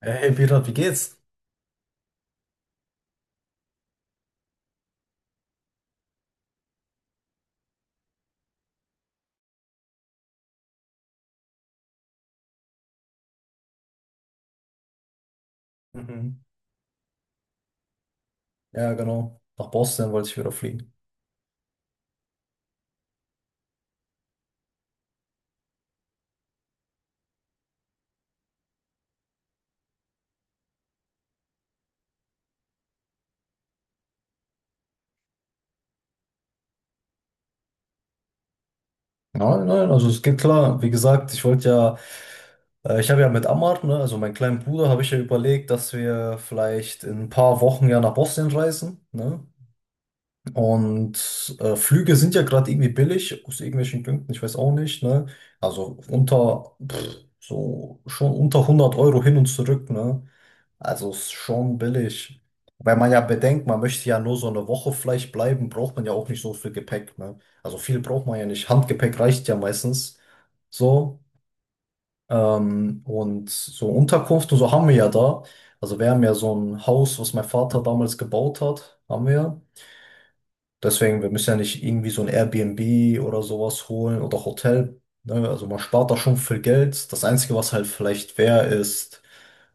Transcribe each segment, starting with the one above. Hey hey, Peter, wie geht's? Mhm. Ja, genau. Nach Boston wollte ich wieder fliegen. Nein, nein, also es geht klar. Wie gesagt, ich wollte ja, ich habe ja mit Ammar, ne, also meinem kleinen Bruder, habe ich ja überlegt, dass wir vielleicht in ein paar Wochen ja nach Boston reisen, ne? Und Flüge sind ja gerade irgendwie billig, aus irgendwelchen Gründen, ich weiß auch nicht, ne? Also unter, pff, so schon unter 100 Euro hin und zurück, ne? Also ist schon billig. Weil man ja bedenkt, man möchte ja nur so eine Woche vielleicht bleiben, braucht man ja auch nicht so viel Gepäck, ne? Also viel braucht man ja nicht. Handgepäck reicht ja meistens so. Und so Unterkunft und so haben wir ja da. Also wir haben ja so ein Haus, was mein Vater damals gebaut hat, haben wir. Deswegen, wir müssen ja nicht irgendwie so ein Airbnb oder sowas holen oder Hotel. Ne? Also man spart da schon viel Geld. Das Einzige, was halt vielleicht wäre, ist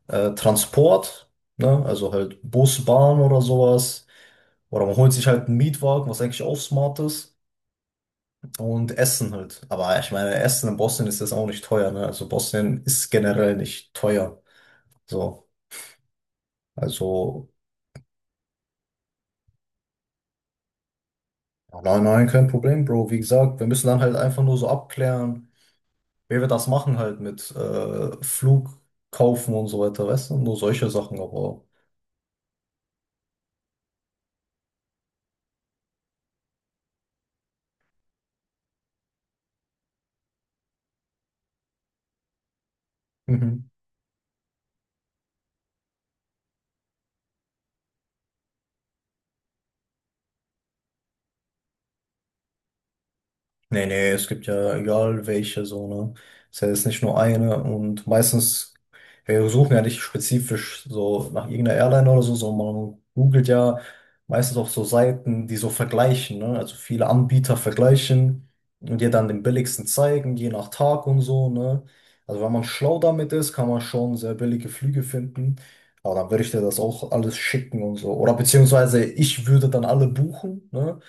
Transport. Ne? Also halt Bus, Bahn oder sowas. Oder man holt sich halt einen Mietwagen, was eigentlich auch smart ist. Und Essen halt. Aber ich meine, Essen in Bosnien ist jetzt auch nicht teuer. Ne? Also Bosnien ist generell nicht teuer. So, also ja, nein, nein, kein Problem, Bro. Wie gesagt, wir müssen dann halt einfach nur so abklären. Wer wird das machen halt mit Flug kaufen und so weiter, weißt du? Nur solche Sachen, aber. Mhm. Nee, nee, es gibt ja egal welche so, ne? Es ist ja jetzt nicht nur eine und meistens, wir suchen ja nicht spezifisch so nach irgendeiner Airline oder so, sondern man googelt ja meistens auch so Seiten, die so vergleichen, ne? Also viele Anbieter vergleichen und dir dann den billigsten zeigen, je nach Tag und so, ne? Also wenn man schlau damit ist, kann man schon sehr billige Flüge finden. Aber dann würde ich dir das auch alles schicken und so. Oder beziehungsweise ich würde dann alle buchen, ne?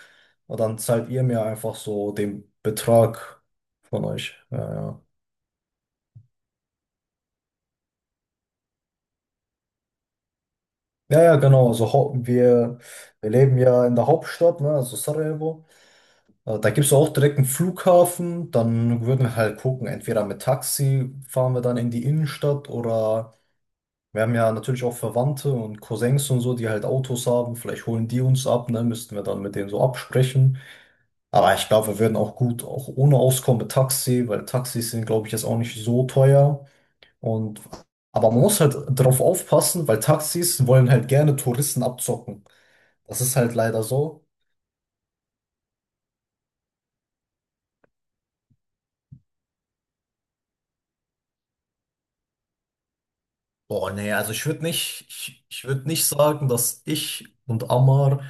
Und dann zahlt ihr mir einfach so den Betrag von euch. Ja, ja. Ja, ja, genau. Also wir, wir leben ja in der Hauptstadt, ne, also Sarajevo. Da gibt es auch direkt einen Flughafen. Dann würden wir halt gucken, entweder mit Taxi fahren wir dann in die Innenstadt oder wir haben ja natürlich auch Verwandte und Cousins und so, die halt Autos haben. Vielleicht holen die uns ab, ne, müssten wir dann mit denen so absprechen. Aber ich glaube, wir würden auch gut auch ohne Auskommen mit Taxi, weil Taxis sind, glaube ich, jetzt auch nicht so teuer. Und, aber man muss halt drauf aufpassen, weil Taxis wollen halt gerne Touristen abzocken. Das ist halt leider so. Boah, nee, also ich würde nicht, ich würde nicht sagen, dass ich und Ammar,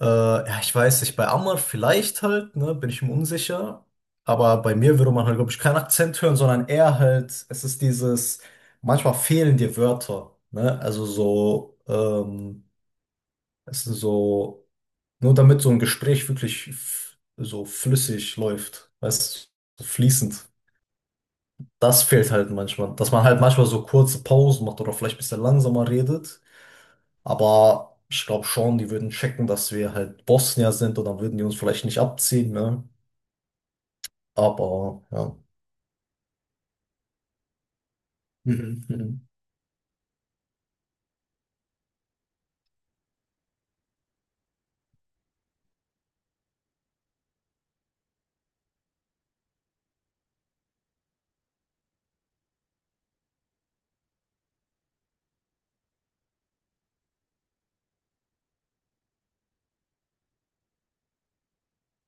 ja, ich weiß nicht, bei Ammar vielleicht halt, ne, bin ich mir unsicher. Aber bei mir würde man halt, glaube ich, keinen Akzent hören, sondern eher halt, es ist dieses, manchmal fehlen dir Wörter, ne, also so, es ist so, nur damit so ein Gespräch wirklich so flüssig läuft, weißt du, so fließend. Das fehlt halt manchmal, dass man halt manchmal so kurze Pausen macht oder vielleicht ein bisschen langsamer redet. Aber ich glaube schon, die würden checken, dass wir halt Bosnier sind und dann würden die uns vielleicht nicht abziehen, ne? Aber ja. Mhm. Mhm.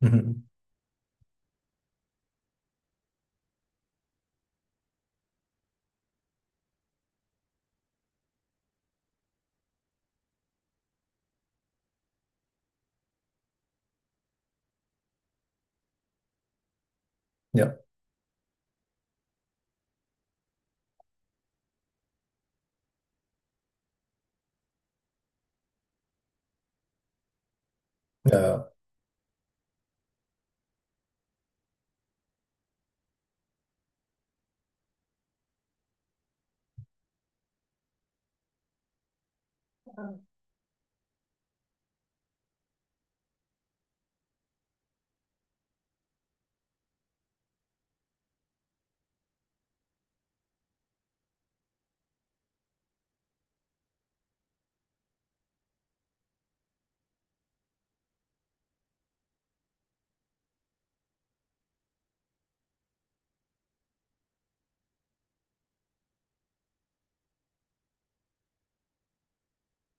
Mhm. Ja, ja, ja,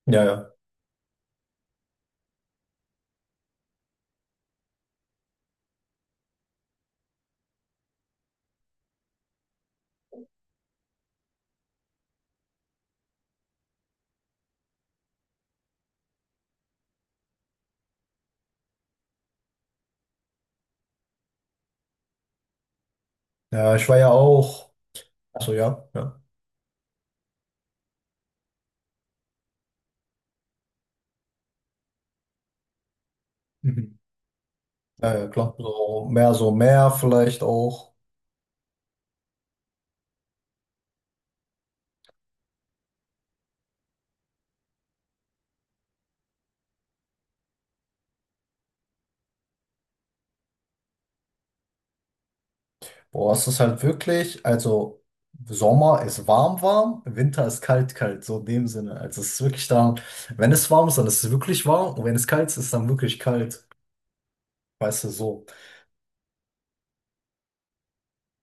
ja, ja. Ja, ich war ja auch, also ja, ja, mhm. Ja, ja, klar. So mehr vielleicht auch. Boah, es ist halt wirklich, also Sommer ist warm, warm, Winter ist kalt, kalt, so in dem Sinne. Also es ist wirklich dann, wenn es warm ist, dann ist es wirklich warm und wenn es kalt ist, ist es dann wirklich kalt. Weißt du, so.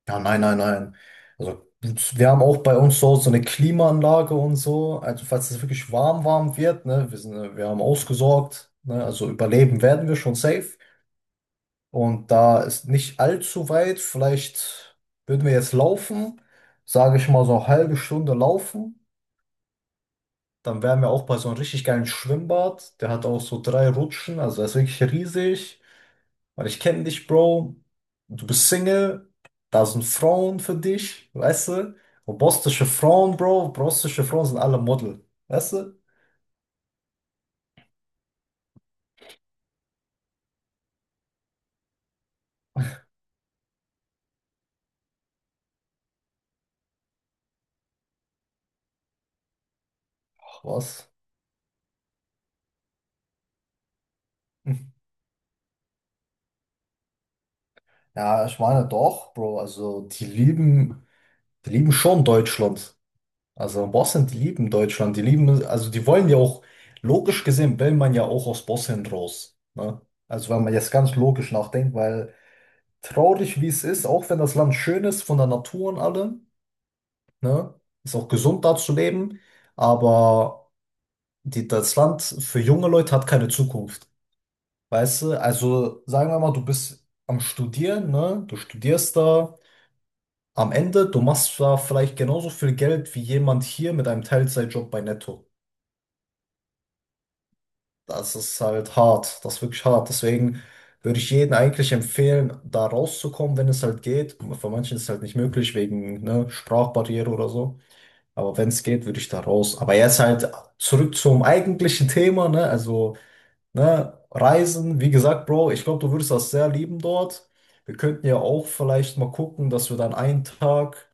Ja, nein, nein, nein. Also wir haben auch bei uns so, so eine Klimaanlage und so. Also falls es wirklich warm, warm wird, ne, wir sind, wir haben ausgesorgt, ne, also überleben werden wir schon safe. Und da ist nicht allzu weit, vielleicht würden wir jetzt laufen, sage ich mal so eine halbe Stunde laufen. Dann wären wir auch bei so einem richtig geilen Schwimmbad. Der hat auch so drei Rutschen, also er ist wirklich riesig. Weil ich kenne dich, Bro. Du bist Single. Da sind Frauen für dich, weißt du? Und bostische Frauen, Bro. Bostische Frauen sind alle Model, weißt du? Ach, was? Hm. Ja, ich meine doch, Bro. Also die lieben schon Deutschland. Also Bosnien, die lieben Deutschland. Die lieben, also die wollen ja auch, logisch gesehen, will man ja auch aus Bosnien raus. Ne? Also wenn man jetzt ganz logisch nachdenkt, weil traurig, wie es ist, auch wenn das Land schön ist von der Natur und allem, ne? Ist auch gesund da zu leben, aber die, das Land für junge Leute hat keine Zukunft. Weißt du, also sagen wir mal, du bist am Studieren, ne? Du studierst da. Am Ende, du machst da vielleicht genauso viel Geld wie jemand hier mit einem Teilzeitjob bei Netto. Das ist halt hart, das ist wirklich hart. Deswegen würde ich jedem eigentlich empfehlen, da rauszukommen, wenn es halt geht. Für manchen ist es halt nicht möglich, wegen, ne, Sprachbarriere oder so. Aber wenn es geht, würde ich da raus. Aber jetzt halt zurück zum eigentlichen Thema, ne? Also, ne, Reisen, wie gesagt, Bro, ich glaube, du würdest das sehr lieben dort. Wir könnten ja auch vielleicht mal gucken, dass wir dann einen Tag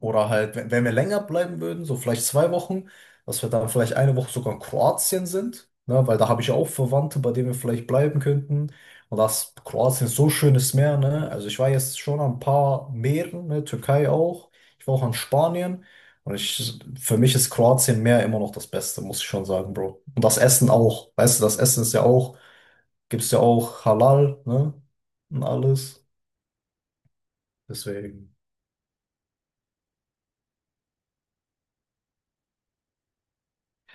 oder halt, wenn wir länger bleiben würden, so vielleicht zwei Wochen, dass wir dann vielleicht eine Woche sogar in Kroatien sind, ne? Weil da habe ich auch Verwandte, bei denen wir vielleicht bleiben könnten. Und das Kroatien ist so schönes Meer, ne? Also ich war jetzt schon an ein paar Meeren, ne? Türkei auch. Ich war auch an Spanien. Und ich, für mich ist Kroatien Meer immer noch das Beste, muss ich schon sagen, Bro. Und das Essen auch. Weißt du, das Essen ist ja auch, gibt's ja auch Halal, ne? Und alles. Deswegen.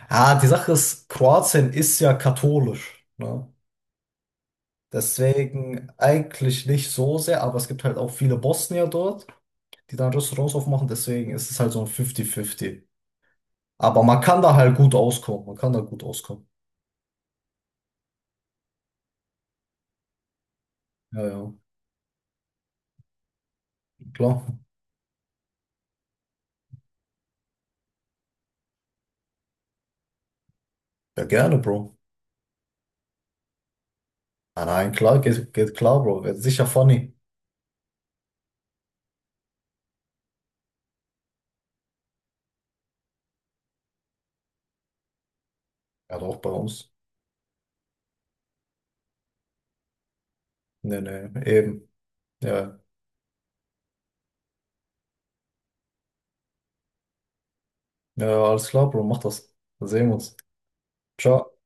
Ah, die Sache ist, Kroatien ist ja katholisch, ne? Deswegen eigentlich nicht so sehr, aber es gibt halt auch viele Bosnier dort, die dann Restaurants aufmachen, deswegen ist es halt so ein 50-50. Aber man kann da halt gut auskommen, man kann da gut auskommen. Ja, ja, klar. Ja, gerne, Bro. Ah, nein, klar, geht, geht klar, Bro. Wird sicher funny. Ja, doch, bei uns. Nee, nee, eben. Ja, ja, alles klar, Bro, mach das. Dann sehen wir uns. Ciao.